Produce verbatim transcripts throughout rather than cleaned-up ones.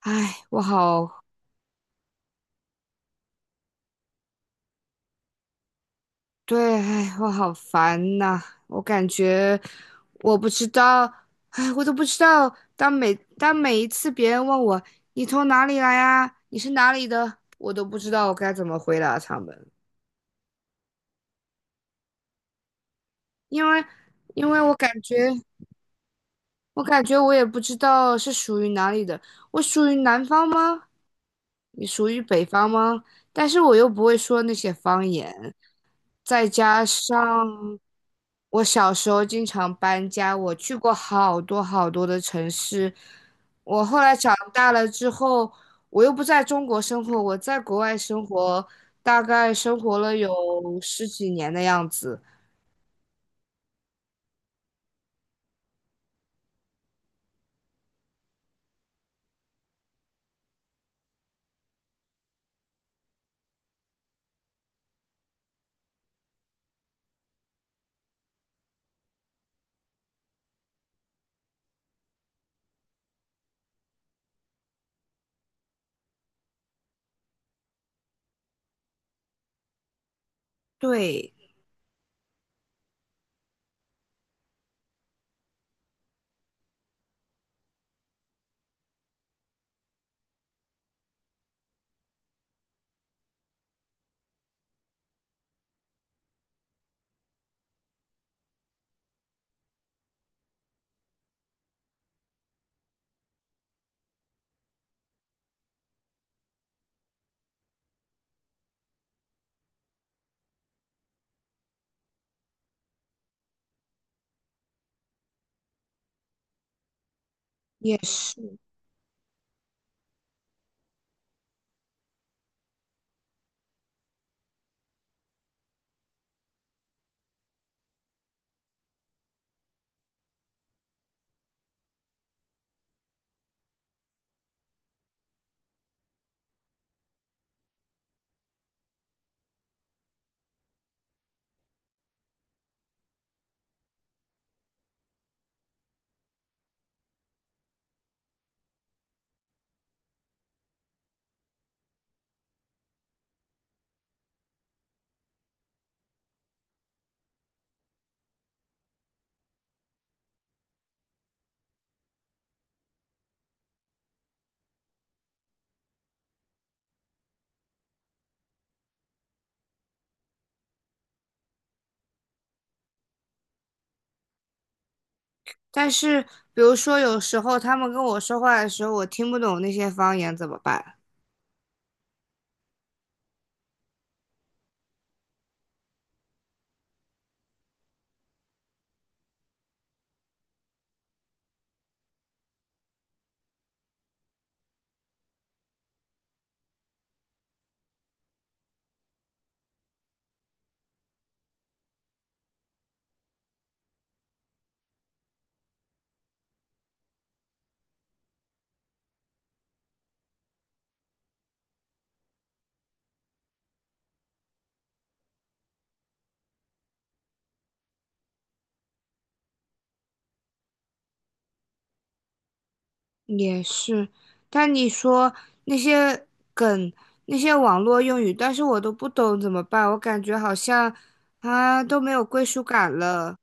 唉，我好，对，唉，我好烦呐、我感觉我不知道，唉，我都不知道。当每当每一次别人问我你从哪里来啊，你是哪里的，我都不知道我该怎么回答他们，因为因为我感觉我感觉我也不知道是属于哪里的。我属于南方吗？你属于北方吗？但是我又不会说那些方言。再加上我小时候经常搬家，我去过好多好多的城市。我后来长大了之后，我又不在中国生活，我在国外生活，大概生活了有十几年的样子。对，也是。但是，比如说有时候他们跟我说话的时候，我听不懂那些方言怎么办？也是，但你说那些梗、那些网络用语，但是我都不懂怎么办？我感觉好像啊都没有归属感了。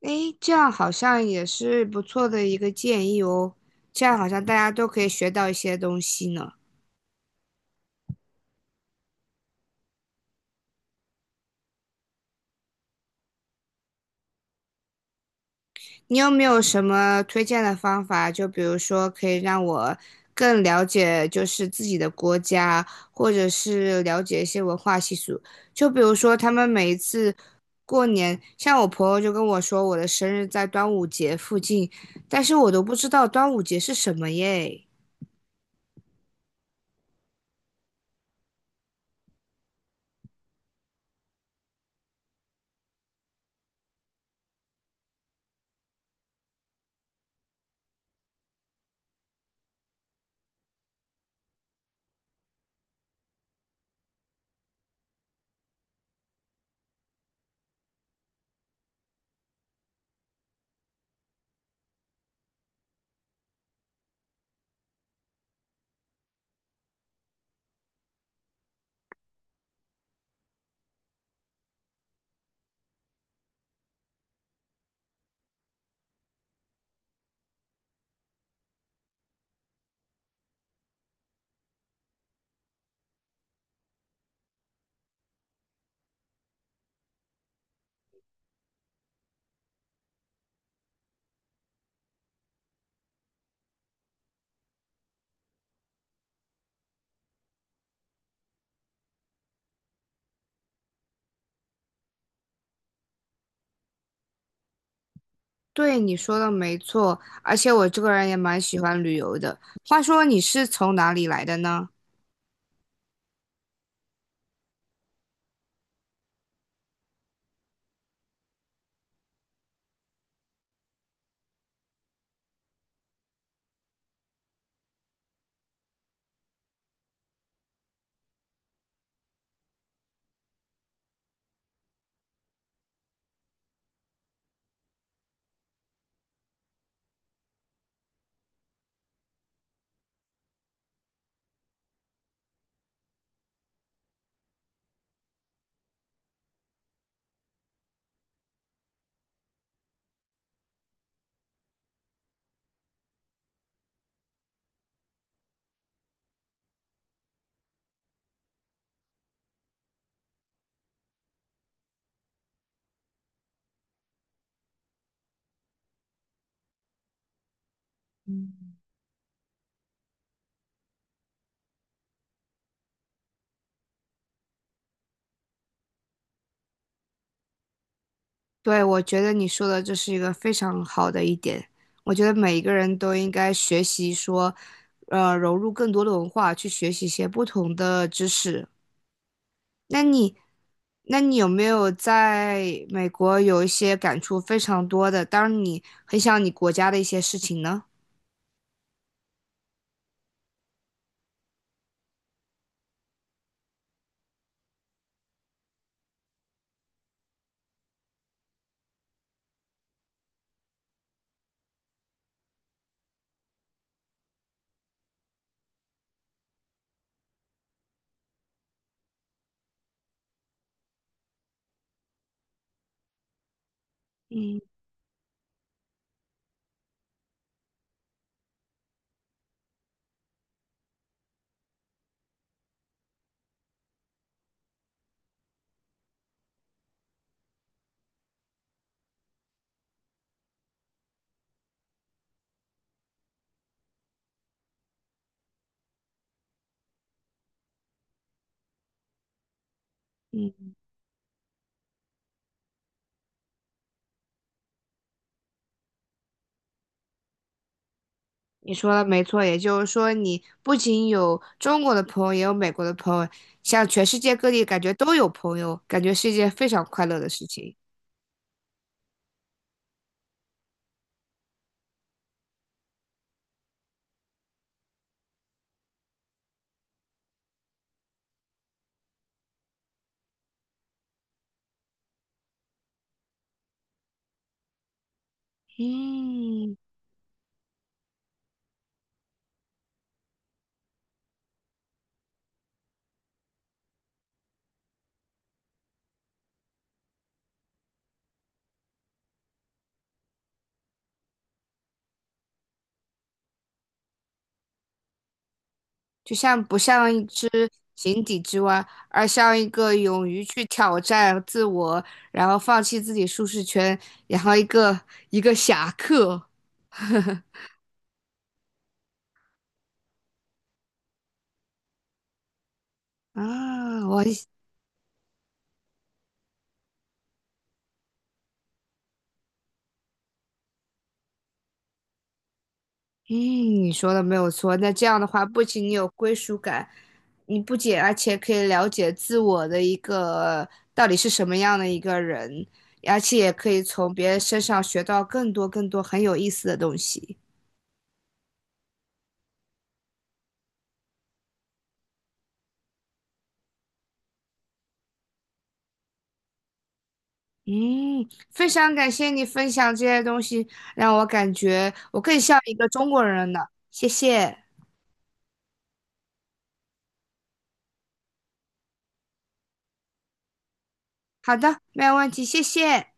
诶，这样好像也是不错的一个建议哦，这样好像大家都可以学到一些东西呢。你有没有什么推荐的方法？就比如说，可以让我更了解就是自己的国家，或者是了解一些文化习俗。就比如说，他们每一次过年，像我朋友就跟我说，我的生日在端午节附近，但是我都不知道端午节是什么耶。对，你说的没错，而且我这个人也蛮喜欢旅游的。话说，你是从哪里来的呢？对，我觉得你说的这是一个非常好的一点。我觉得每一个人都应该学习说，呃，融入更多的文化，去学习一些不同的知识。那你，那你有没有在美国有一些感触非常多的，当然你很想你国家的一些事情呢？嗯嗯，你说的没错，也就是说，你不仅有中国的朋友，也有美国的朋友，像全世界各地感觉都有朋友，感觉是一件非常快乐的事情。嗯。就像不像一只井底之蛙，而像一个勇于去挑战自我，然后放弃自己舒适圈，然后一个一个侠客啊！我嗯，你说的没有错。那这样的话，不仅你有归属感，你不仅而且可以了解自我的一个到底是什么样的一个人，而且也可以从别人身上学到更多更多很有意思的东西。嗯，非常感谢你分享这些东西，让我感觉我更像一个中国人了。谢谢。好的，没有问题，谢谢。